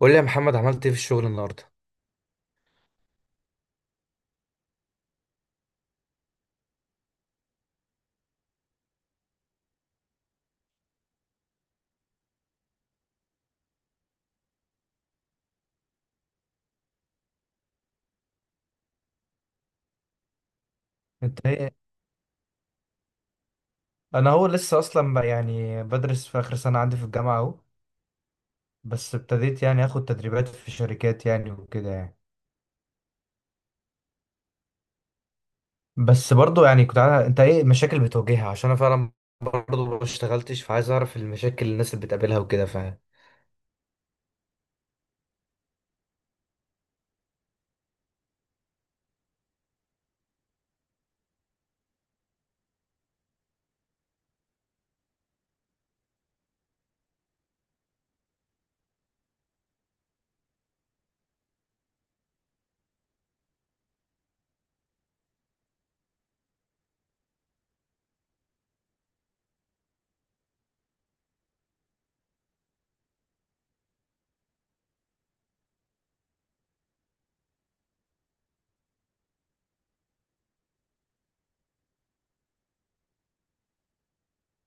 قول لي يا محمد عملت ايه في الشغل النهارده؟ انت ايه؟ انا هو لسه اصلا بقى بدرس في اخر سنه عندي في الجامعه اهو. بس ابتديت اخد تدريبات في شركات وكده بس برضو كنت عارف انت ايه المشاكل بتواجهها، عشان انا فعلا برضه ما اشتغلتش، فعايز اعرف المشاكل اللي الناس اللي بتقابلها وكده، فاهم؟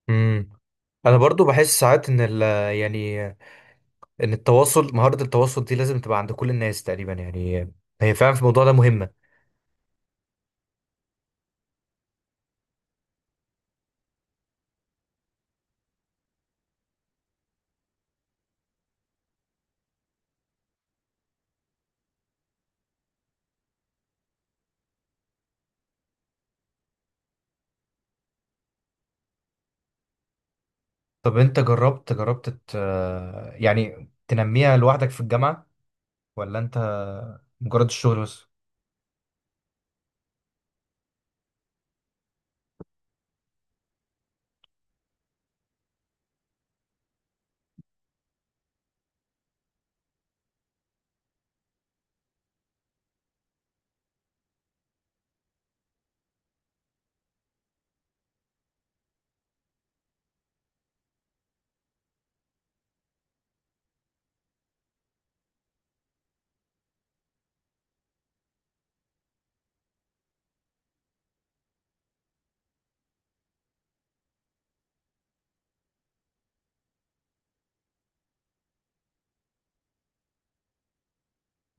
امم انا برضه بحس ساعات ان ال يعني ان التواصل، مهارة التواصل دي لازم تبقى عند كل الناس تقريبا، يعني هي فعلا في الموضوع ده مهمة. طب انت جربت يعني تنميها لوحدك في الجامعة، ولا انت مجرد الشغل بس؟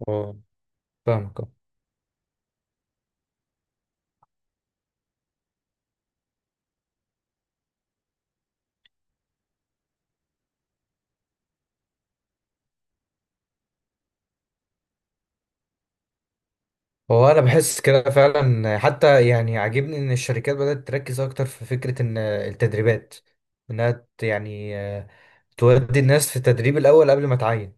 اه، فاهمك اه. هو انا بحس كده فعلا، حتى يعني عاجبني ان الشركات بدأت تركز اكتر في فكرة ان التدريبات انها ت- يعني آه، تودي الناس في التدريب الاول قبل ما تعين.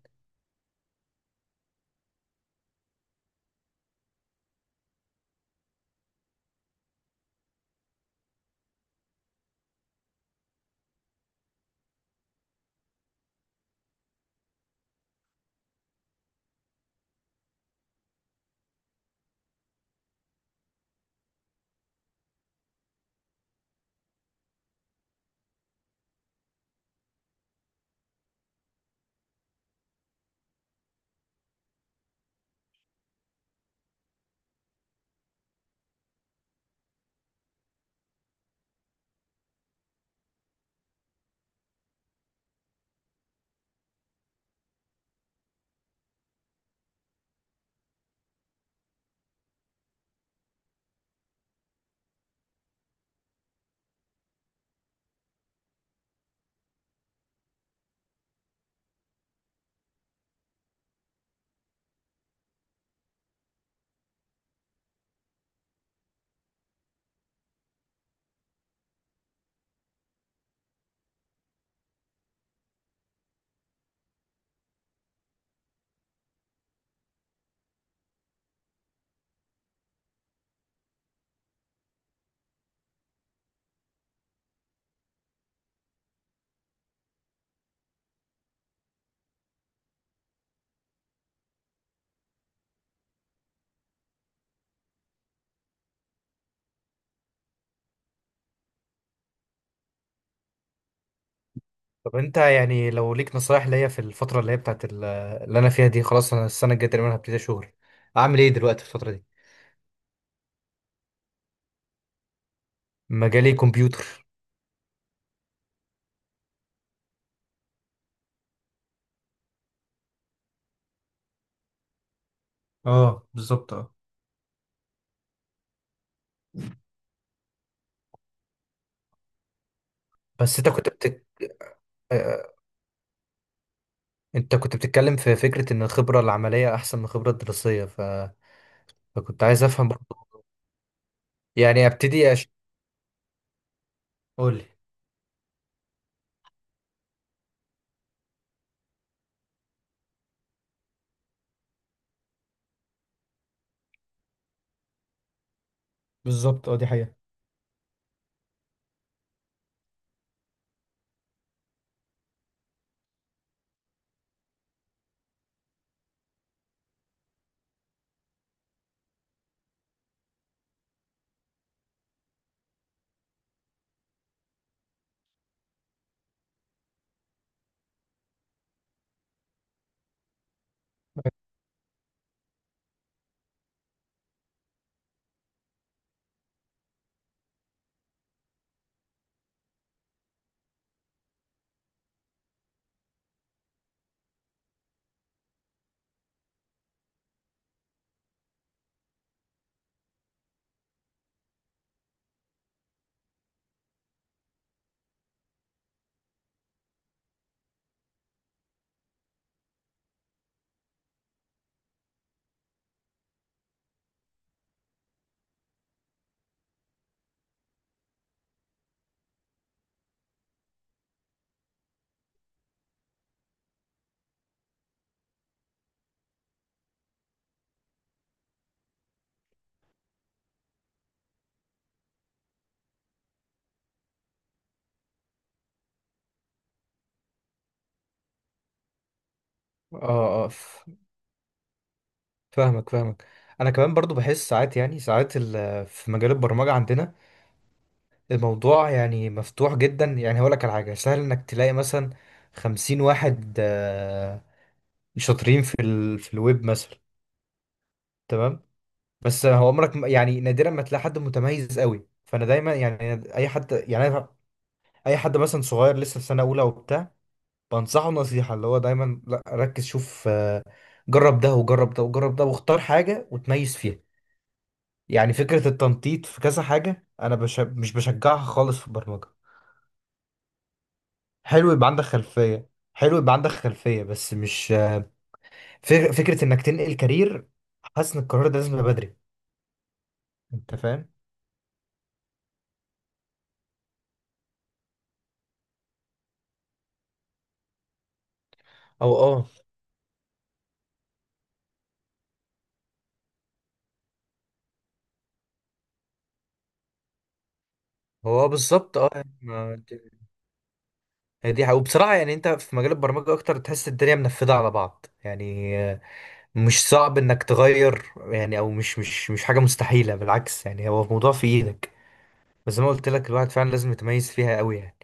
طب انت يعني لو ليك نصايح ليا في الفترة اللي هي اللي انا فيها دي، خلاص انا السنة الجاية تقريبا هبتدي شغل، اعمل ايه دلوقتي في الفترة دي؟ مجالي كمبيوتر. اه بالظبط اه. بس انت كنت بتك... آه، آه، انت كنت بتتكلم في فكرة ان الخبرة العملية احسن من الخبرة الدراسية فكنت عايز افهم برضه، يعني ابتدي أش... قولي. بالظبط اه، دي حقيقة. اه اه فاهمك. انا كمان برضو بحس ساعات، يعني في مجال البرمجة عندنا الموضوع يعني مفتوح جدا، يعني هقول لك على حاجة: سهل انك تلاقي مثلا خمسين واحد شاطرين في الويب مثلا، تمام؟ بس هو عمرك يعني نادرا ما تلاقي حد متميز قوي، فانا دايما يعني اي حد، اي حد مثلا صغير لسه في سنه اولى وبتاع، بنصحه نصيحه اللي هو دايما: لا ركز، شوف، جرب ده وجرب ده وجرب ده واختار حاجه وتميز فيها. يعني فكره التنطيط في كذا حاجه انا مش بشجعها خالص في البرمجه. حلو يبقى عندك خلفيه، حلو يبقى عندك خلفيه، بس مش فكره انك تنقل كارير، حاسس ان القرار ده لازم يبقى بدري، انت فاهم؟ او اه، هو بالظبط اه، هي دي حقيقة. وبصراحة يعني انت في مجال البرمجة اكتر تحس الدنيا منفذة على بعض، يعني مش صعب انك تغير يعني، او مش حاجة مستحيلة، بالعكس يعني هو الموضوع في ايدك، بس زي ما قلت لك الواحد فعلا لازم يتميز فيها قوي يعني.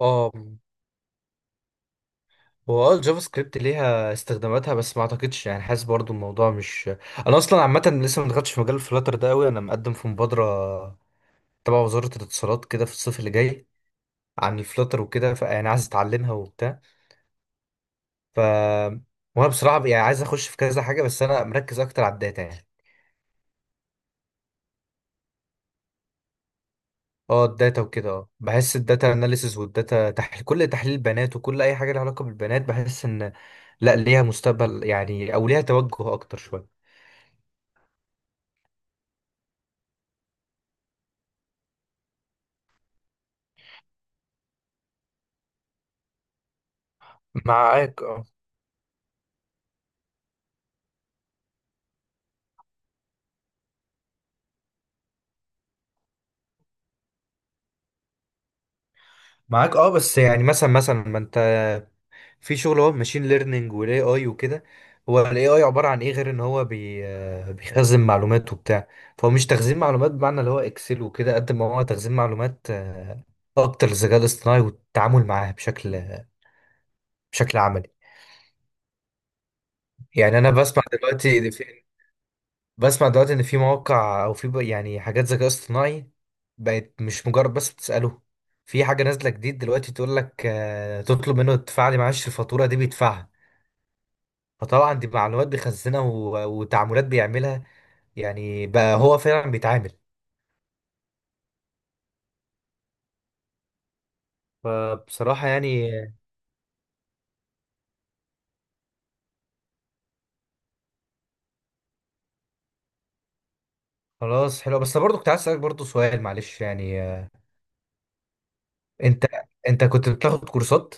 اه، هو اه الجافا سكريبت ليها استخداماتها، بس ما اعتقدش، يعني حاسس برضو الموضوع مش، انا اصلا عامة لسه ما دخلتش في مجال الفلاتر ده قوي. انا مقدم في مبادرة تبع وزارة الاتصالات كده في الصيف اللي جاي عن الفلاتر وكده، فيعني عايز اتعلمها وبتاع. ف، وانا بصراحه يعني عايز اخش في كذا حاجه، بس انا مركز اكتر على الداتا يعني. اه الداتا وكده اه، بحس الداتا اناليسز والداتا تحليل، كل تحليل بيانات وكل اي حاجه لها علاقه بالبيانات، بحس ان لا ليها مستقبل يعني او ليها توجه اكتر شويه. معاك اه. معاك اه، بس يعني مثلا، ما انت في شغل هو ماشين ليرنينج والاي اي وكده، هو الاي اي عباره عن ايه غير ان هو بي آه، بيخزن معلومات وبتاع، فهو مش تخزين معلومات بمعنى اللي هو اكسل وكده، قد ما هو تخزين معلومات اكتر للذكاء الاصطناعي والتعامل معاها بشكل، بشكل عملي. يعني انا بسمع دلوقتي إن في، بسمع دلوقتي ان في مواقع، او في يعني حاجات ذكاء اصطناعي بقت مش مجرد بس بتساله، في حاجه نازله جديد دلوقتي تقول لك، تطلب منه تدفع لي معلش الفاتوره دي بيدفعها، فطبعا دي معلومات بيخزنها وتعاملات بيعملها، يعني بقى هو فعلا بيتعامل. فبصراحة يعني، خلاص حلو، بس برضه كنت عايز أسألك برضه سؤال، معلش يعني انت انت كنت بتاخد كورسات،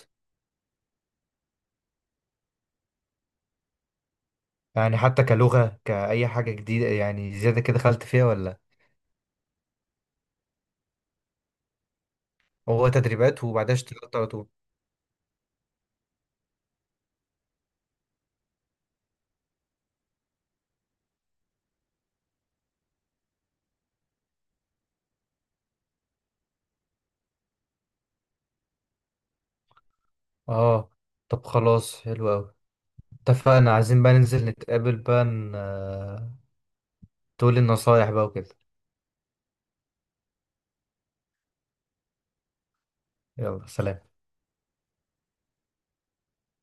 يعني حتى كلغة كأي حاجة جديدة يعني زيادة كده دخلت فيها، ولا هو تدريبات وبعدها اشتغلت على طول؟ اه. طب خلاص حلو قوي، اتفقنا، عايزين بقى ننزل نتقابل بقى، تقولي النصايح بقى وكده. يلا سلام.